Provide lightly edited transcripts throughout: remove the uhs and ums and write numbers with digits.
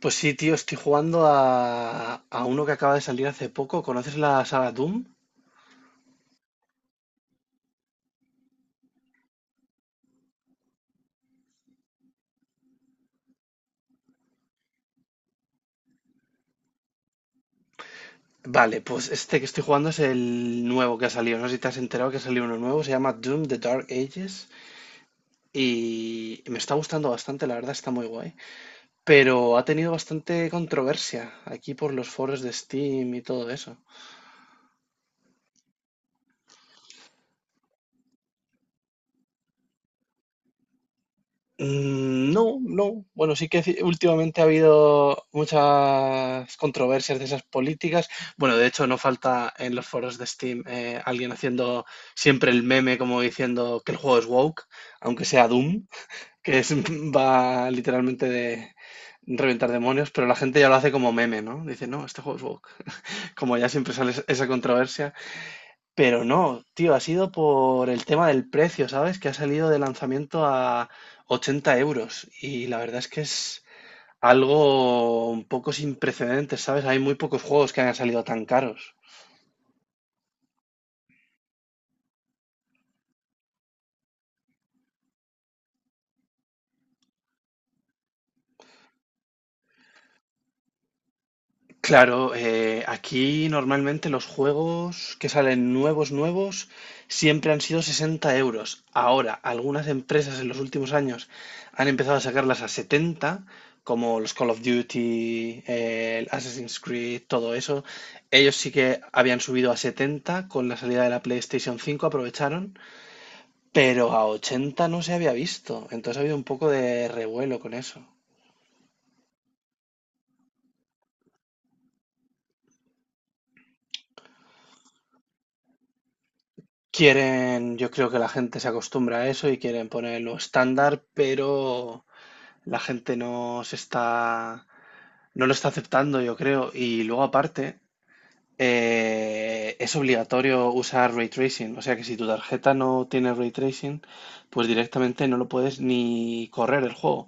Pues sí, tío, estoy jugando a uno que acaba de salir hace poco. ¿Conoces la saga Doom? Vale, pues este que estoy jugando es el nuevo que ha salido. No sé si te has enterado que ha salido uno nuevo. Se llama Doom The Dark Ages. Y me está gustando bastante, la verdad está muy guay. Pero ha tenido bastante controversia aquí por los foros de Steam y todo eso. Mm, no, no. Bueno, sí que últimamente ha habido muchas controversias de esas políticas. Bueno, de hecho, no falta en los foros de Steam alguien haciendo siempre el meme como diciendo que el juego es woke, aunque sea Doom, que es, va literalmente de reventar demonios, pero la gente ya lo hace como meme, ¿no? Dice, no, este juego es woke. Como ya siempre sale esa controversia, pero no, tío, ha sido por el tema del precio, ¿sabes? Que ha salido de lanzamiento a 80 euros. Y la verdad es que es algo un poco sin precedentes, ¿sabes? Hay muy pocos juegos que hayan salido tan caros. Claro, aquí normalmente los juegos que salen nuevos, nuevos, siempre han sido 60 euros. Ahora, algunas empresas en los últimos años han empezado a sacarlas a 70, como los Call of Duty, el Assassin's Creed, todo eso. Ellos sí que habían subido a 70 con la salida de la PlayStation 5, aprovecharon, pero a 80 no se había visto. Entonces ha habido un poco de revuelo con eso. Quieren, yo creo que la gente se acostumbra a eso y quieren ponerlo estándar, pero la gente no se está, no lo está aceptando, yo creo. Y luego aparte, es obligatorio usar ray tracing, o sea que si tu tarjeta no tiene ray tracing, pues directamente no lo puedes ni correr el juego.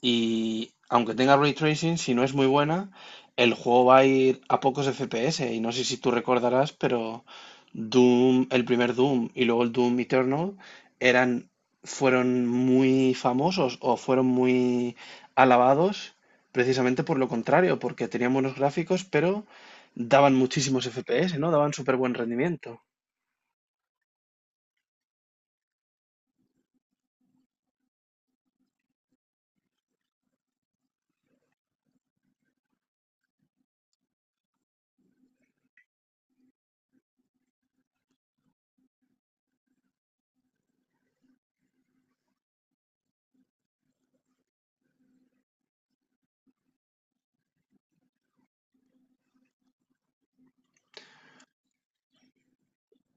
Y aunque tenga ray tracing, si no es muy buena, el juego va a ir a pocos FPS. Y no sé si tú recordarás, pero Doom, el primer Doom y luego el Doom Eternal eran, fueron muy famosos o fueron muy alabados precisamente por lo contrario, porque tenían buenos gráficos, pero daban muchísimos FPS, ¿no? Daban súper buen rendimiento.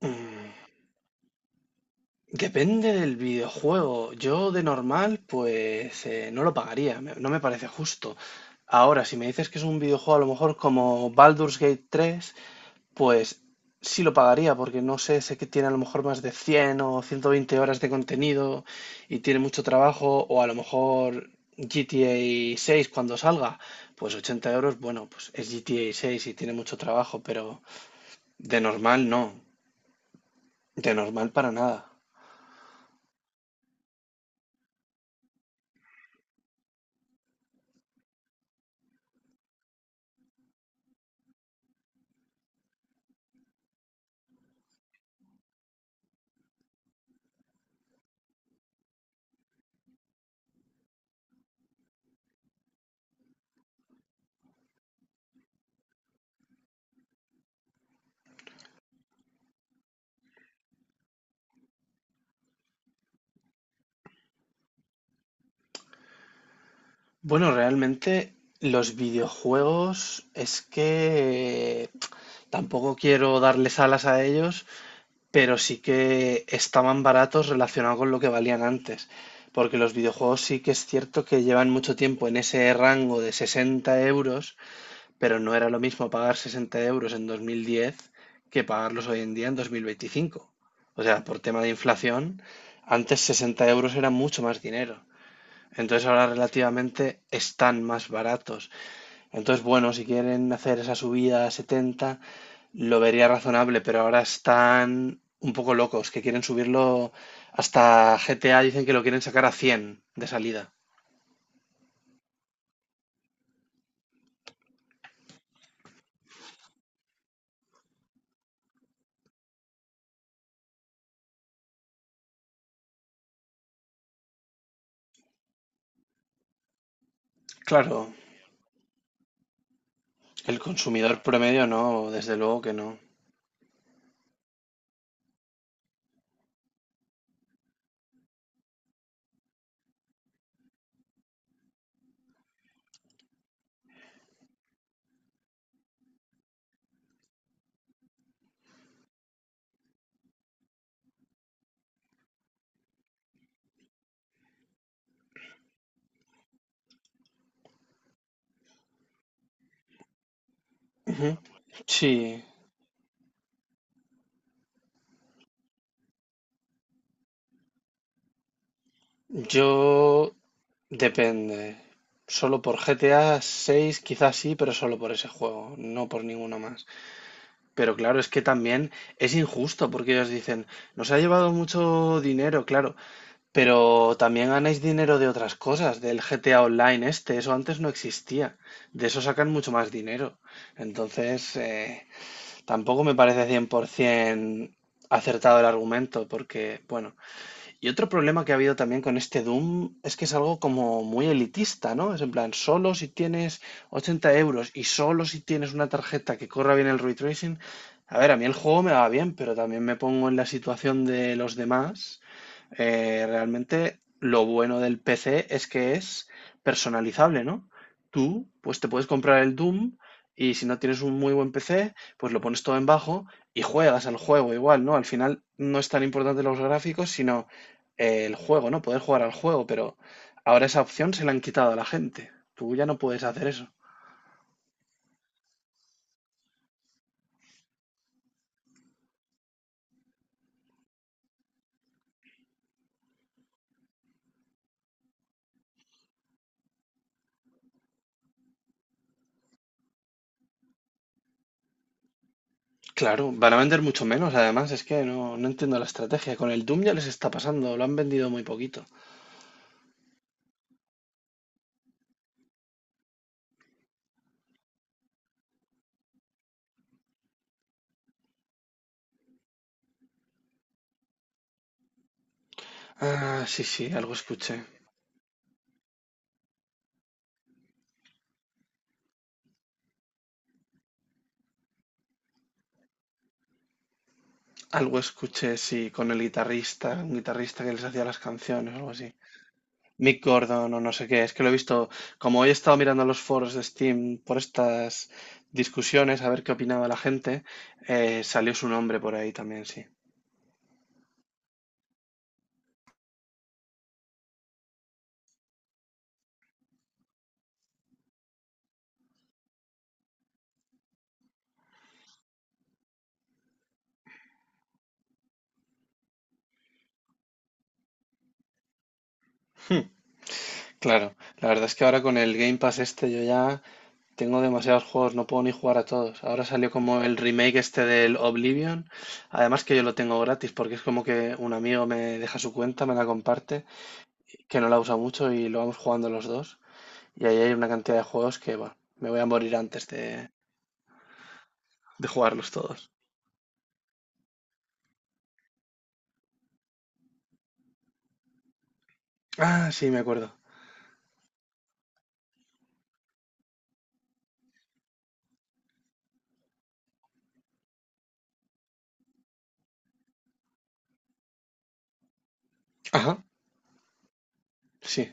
Mm. Depende del videojuego. Yo de normal, pues no lo pagaría, no me parece justo. Ahora, si me dices que es un videojuego a lo mejor como Baldur's Gate tres, pues sí lo pagaría, porque no sé, sé que tiene a lo mejor más de 100 o 120 horas de contenido y tiene mucho trabajo, o a lo mejor GTA 6 cuando salga, pues 80 euros, bueno, pues es GTA 6 y tiene mucho trabajo, pero de normal no, de normal para nada. Bueno, realmente los videojuegos es que tampoco quiero darles alas a ellos, pero sí que estaban baratos relacionado con lo que valían antes. Porque los videojuegos sí que es cierto que llevan mucho tiempo en ese rango de 60 euros, pero no era lo mismo pagar 60 euros en 2010 que pagarlos hoy en día en 2025. O sea, por tema de inflación, antes 60 euros era mucho más dinero. Entonces ahora relativamente están más baratos. Entonces, bueno, si quieren hacer esa subida a 70, lo vería razonable, pero ahora están un poco locos, que quieren subirlo hasta GTA, dicen que lo quieren sacar a 100 de salida. Claro, el consumidor promedio no, desde luego que no. Ujú. Sí, yo depende. Solo por GTA 6 quizás sí, pero solo por ese juego, no por ninguno más. Pero claro, es que también es injusto porque ellos dicen, nos ha llevado mucho dinero, claro, pero también ganáis dinero de otras cosas, del GTA Online este, eso antes no existía, de eso sacan mucho más dinero. Entonces, tampoco me parece 100% acertado el argumento porque, bueno, y otro problema que ha habido también con este Doom es que es algo como muy elitista, ¿no? Es en plan, solo si tienes 80 euros y solo si tienes una tarjeta que corra bien el ray tracing. A ver, a mí el juego me va bien, pero también me pongo en la situación de los demás. Realmente lo bueno del PC es que es personalizable, ¿no? Tú, pues te puedes comprar el Doom y si no tienes un muy buen PC, pues lo pones todo en bajo y juegas al juego igual, ¿no? Al final no es tan importante los gráficos, sino el juego, ¿no? Poder jugar al juego, pero ahora esa opción se la han quitado a la gente. Tú ya no puedes hacer eso. Claro, van a vender mucho menos, además, es que no, no entiendo la estrategia. Con el Doom ya les está pasando, lo han vendido muy poquito. Ah, sí, sí, algo escuché. Algo escuché, sí, con el guitarrista, un guitarrista que les hacía las canciones o algo así. Mick Gordon o no sé qué, es que lo he visto, como hoy he estado mirando los foros de Steam por estas discusiones, a ver qué opinaba la gente, salió su nombre por ahí también, sí. Hmm, claro, la verdad es que ahora con el Game Pass este yo ya tengo demasiados juegos, no puedo ni jugar a todos. Ahora salió como el remake este del Oblivion, además que yo lo tengo gratis porque es como que un amigo me deja su cuenta, me la comparte que no la usa mucho y lo vamos jugando los dos. Y ahí hay una cantidad de juegos que, bueno, me voy a morir antes de jugarlos todos. Ah, sí, me acuerdo. Ajá, sí,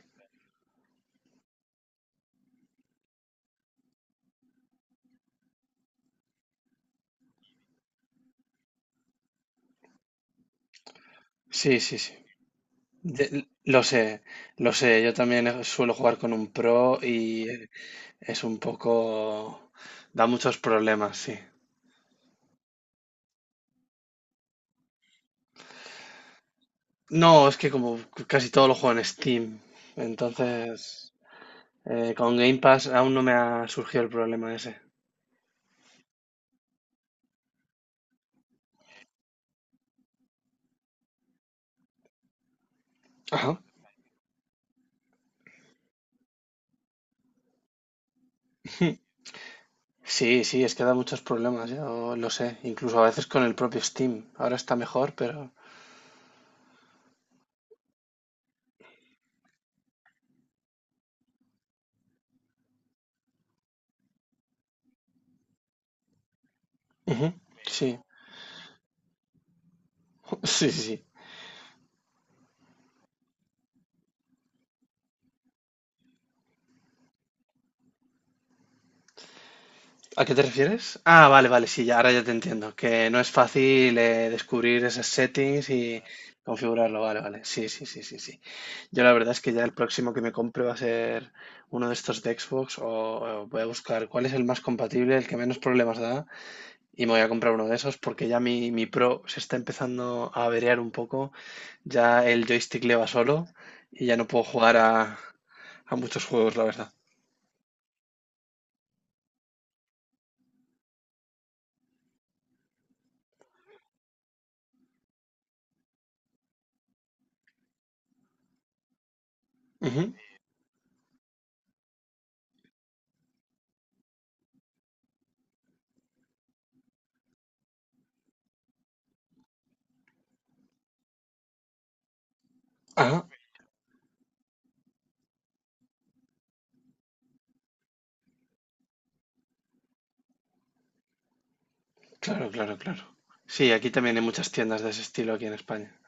sí, sí, sí. De- lo sé, lo sé. Yo también suelo jugar con un pro y es un poco... da muchos problemas, sí. No, es que como casi todo lo juego en Steam, entonces con Game Pass aún no me ha surgido el problema ese. Ajá. Sí, sí, es que da muchos problemas, yo lo sé, incluso a veces con el propio Steam. Ahora está mejor, pero... Ujú, sí, sí, sí, sí. ¿A qué te refieres? Ah, vale, vale, sí, ya, ahora ya te entiendo, que no es fácil descubrir esos settings y configurarlo, vale, vale, sí, sí, sí, sí, sí. Yo la verdad es que ya el próximo que me compre va a ser uno de estos de Xbox o voy a buscar cuál es el más compatible, el que menos problemas da. Y me voy a comprar uno de esos porque ya mi Pro se está empezando a averiar un poco. Ya el joystick le va solo y ya no puedo jugar a muchos juegos, la verdad. Ujú. Ah, claro, claro, claro. Sí, aquí también hay muchas tiendas de ese estilo aquí en España.